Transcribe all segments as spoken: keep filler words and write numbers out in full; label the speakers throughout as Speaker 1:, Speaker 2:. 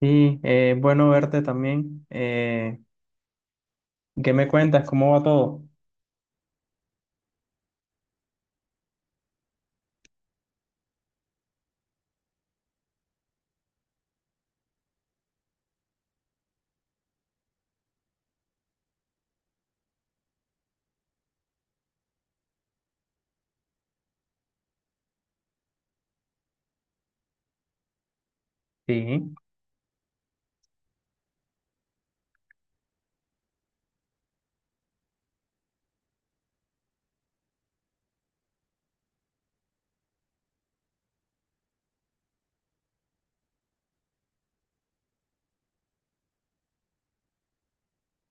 Speaker 1: Sí, eh, bueno verte también. Eh, ¿qué me cuentas? ¿Cómo va todo? Sí,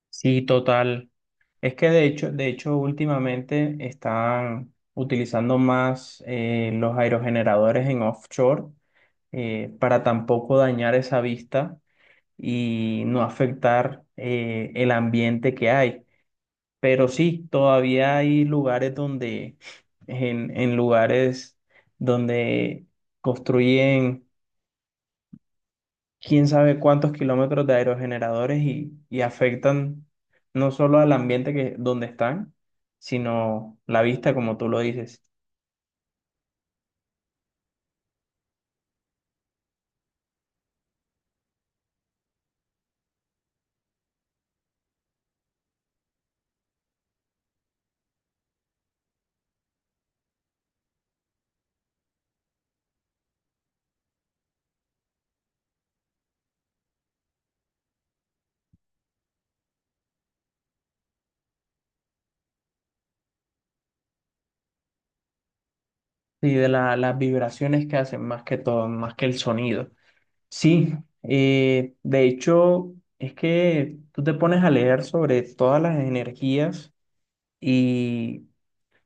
Speaker 1: sí, total. Es que de hecho, de hecho, últimamente están utilizando más eh, los aerogeneradores en offshore, eh, para tampoco dañar esa vista y no afectar eh, el ambiente que hay. Pero sí, todavía hay lugares donde, en, en lugares donde construyen quién sabe cuántos kilómetros de aerogeneradores y, y afectan no solo al ambiente que, donde están, sino la vista, como tú lo dices, y de la- las vibraciones que hacen más que todo, más que el sonido. Sí, eh, de hecho, es que tú te pones a leer sobre todas las energías y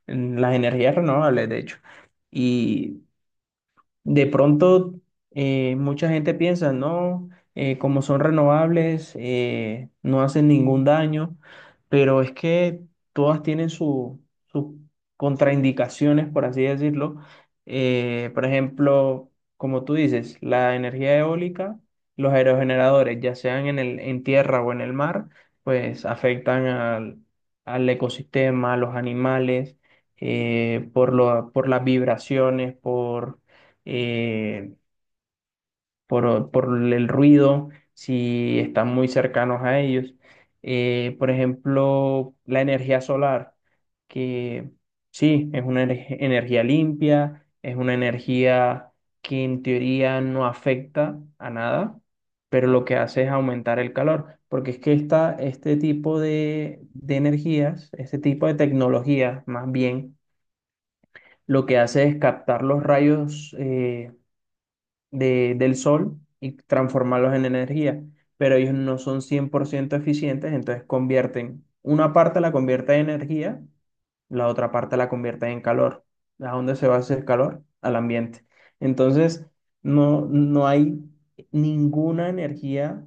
Speaker 1: mm, las energías renovables, de hecho. Y de pronto, eh, mucha gente piensa, no, eh, como son renovables, eh, no hacen ningún daño, pero es que todas tienen su- sus contraindicaciones, por así decirlo. Eh, por ejemplo, como tú dices, la energía eólica, los aerogeneradores, ya sean en el, en tierra o en el mar, pues afectan al, al ecosistema, a los animales, eh, por lo- por las vibraciones, por eh, por, por el ruido, si están muy cercanos a ellos. Eh, por ejemplo, la energía solar, que sí, es una ener- energía limpia, es una energía que en teoría no afecta a nada, pero lo que hace es aumentar el calor, porque es que esta, este tipo de, de energías, este tipo de tecnologías más bien, lo que hace es captar los rayos, eh, de, del sol y transformarlos en energía, pero ellos no son cien por ciento eficientes, entonces convierten, una parte la convierte en energía, la otra parte la convierte en calor. ¿A dónde se va a hacer calor? Al ambiente. Entonces, no, no hay ninguna energía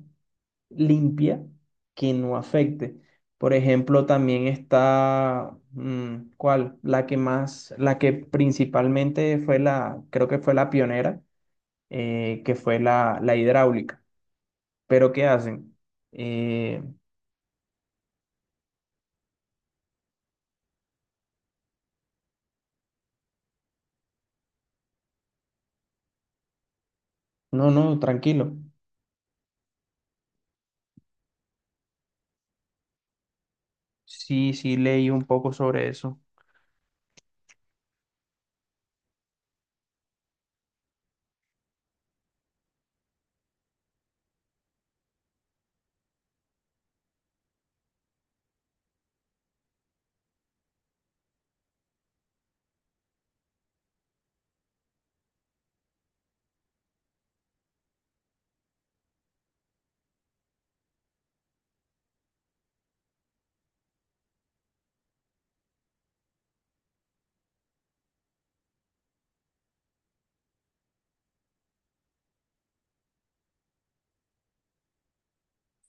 Speaker 1: limpia que no afecte. Por ejemplo, también está, mm, ¿cuál? La que más, la que principalmente fue la, creo que fue la pionera, eh, que fue la, la hidráulica. Pero ¿qué hacen? Eh, no, no, tranquilo. Sí, sí, leí un poco sobre eso.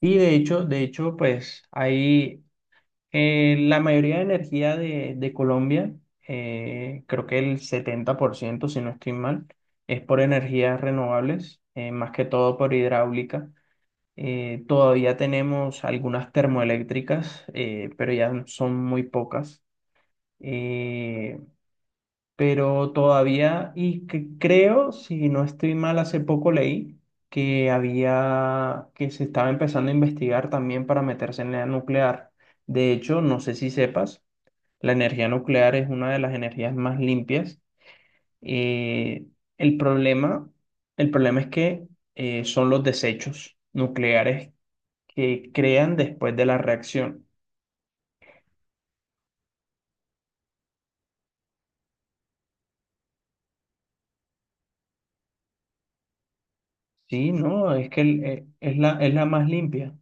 Speaker 1: Y de hecho, de hecho, pues ahí eh, la mayoría de energía de, de Colombia, eh, creo que el setenta por ciento, si no estoy mal, es por energías renovables, eh, más que todo por hidráulica. Eh, todavía tenemos algunas termoeléctricas, eh, pero ya son muy pocas. Eh, pero todavía, y que creo, si no estoy mal, hace poco leí que había, que se estaba empezando a investigar también para meterse en la nuclear. De hecho, no sé si sepas, la energía nuclear es una de las energías más limpias. Eh, el problema, el problema es que eh, son los desechos nucleares que crean después de la reacción. Sí, no, es que el- eh, es la, es la más limpia.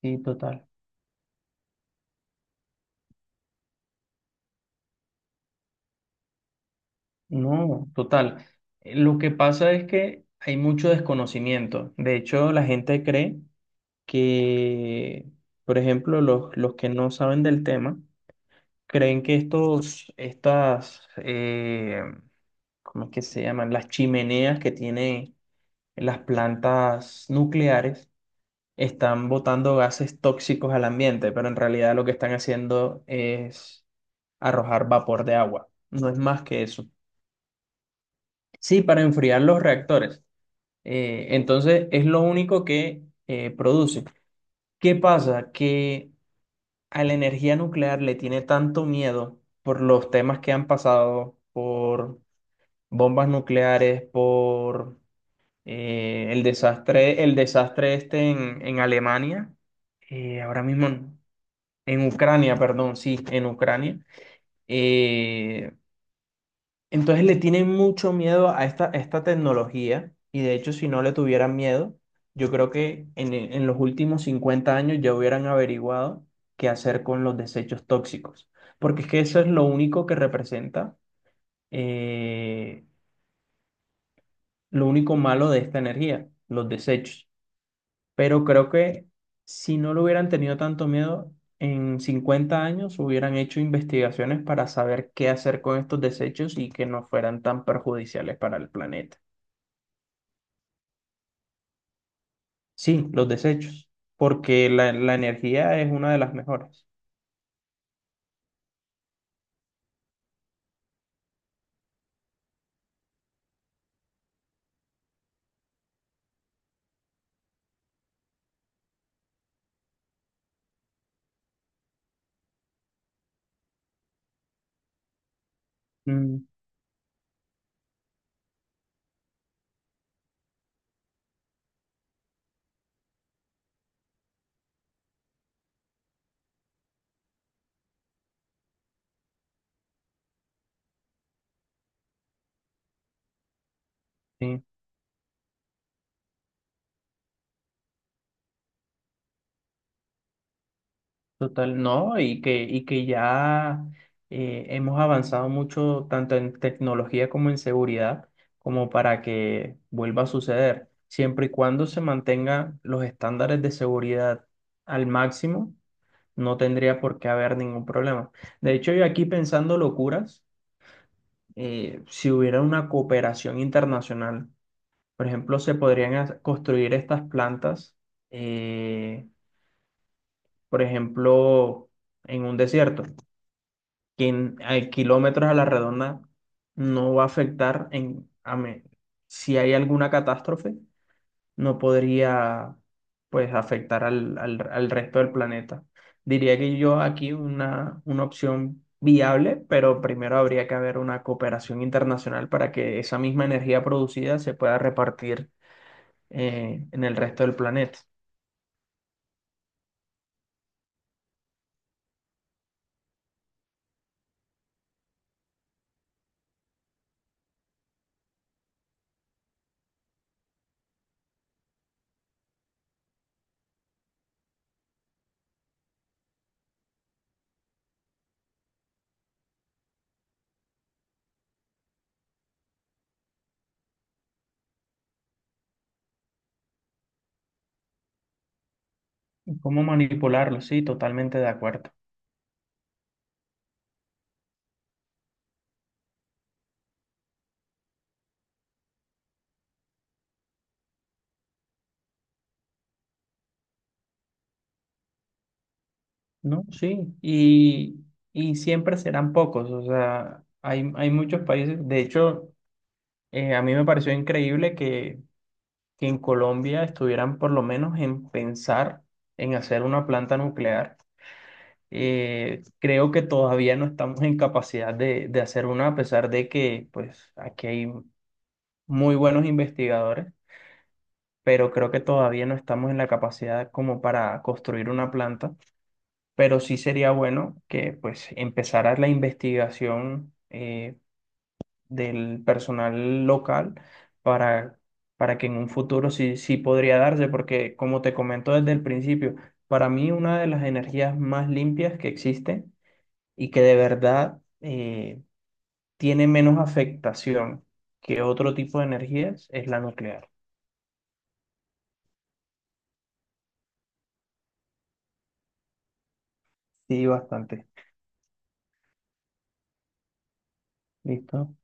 Speaker 1: Sí, total. No, total. Eh, Lo que pasa es que hay mucho desconocimiento. De hecho, la gente cree que, por ejemplo, los, los que no saben del tema, creen que estos, estas, eh, ¿cómo es que se llaman? Las chimeneas que tienen las plantas nucleares están botando gases tóxicos al ambiente, pero en realidad lo que están haciendo es arrojar vapor de agua. No es más que eso. Sí, para enfriar los reactores. Eh, entonces es lo único que eh, produce. ¿Qué pasa? Que a la energía nuclear le tiene tanto miedo por los temas que han pasado, por bombas nucleares, por eh, el desastre, el desastre este en, en Alemania, eh, ahora mismo en, en Ucrania, perdón, sí, en Ucrania. Eh, Entonces le tienen mucho miedo a esta, a esta tecnología y de hecho si no le tuvieran miedo, yo creo que en, en los últimos cincuenta años ya hubieran averiguado qué hacer con los desechos tóxicos, porque es que eso es lo único que representa eh, lo único malo de esta energía, los desechos. Pero creo que si no lo hubieran tenido tanto miedo, en cincuenta años hubieran hecho investigaciones para saber qué hacer con estos desechos y que no fueran tan perjudiciales para el planeta. Sí, los desechos, porque la, la energía es una de las mejores. Mm, sí, total, no, y que, y que ya eh, hemos avanzado mucho tanto en tecnología como en seguridad, como para que vuelva a suceder, siempre y cuando se mantengan los estándares de seguridad al máximo, no tendría por qué haber ningún problema. De hecho, yo aquí pensando locuras, eh, si hubiera una cooperación internacional. Por ejemplo, se podrían ha- construir estas plantas, eh, por ejemplo, en un desierto, que en- a kilómetros a la redonda no va a afectar en, a me- Si hay alguna catástrofe, no podría pues afectar al, al- al resto del planeta. Diría que yo aquí una, una opción viable, pero primero habría que haber una cooperación internacional para que esa misma energía producida se pueda repartir eh, en el resto del planeta. ¿Cómo manipularlo? Sí, totalmente de acuerdo. No, sí, y, y siempre serán pocos, o sea, hay, hay muchos países, de hecho, eh, a mí me pareció increíble que, que en Colombia estuvieran por lo menos en pensar en hacer una planta nuclear. Eh, creo que todavía no estamos en capacidad de, de hacer una, a pesar de que pues aquí hay muy buenos investigadores, pero creo que todavía no estamos en la capacidad como para construir una planta, pero sí sería bueno que pues empezara la investigación eh, del personal local para, para que en un futuro sí, sí podría darse, porque como te comento desde el principio, para mí una de las energías más limpias que existen y que de verdad eh, tiene menos afectación que otro tipo de energías es la nuclear. Sí, bastante. Listo.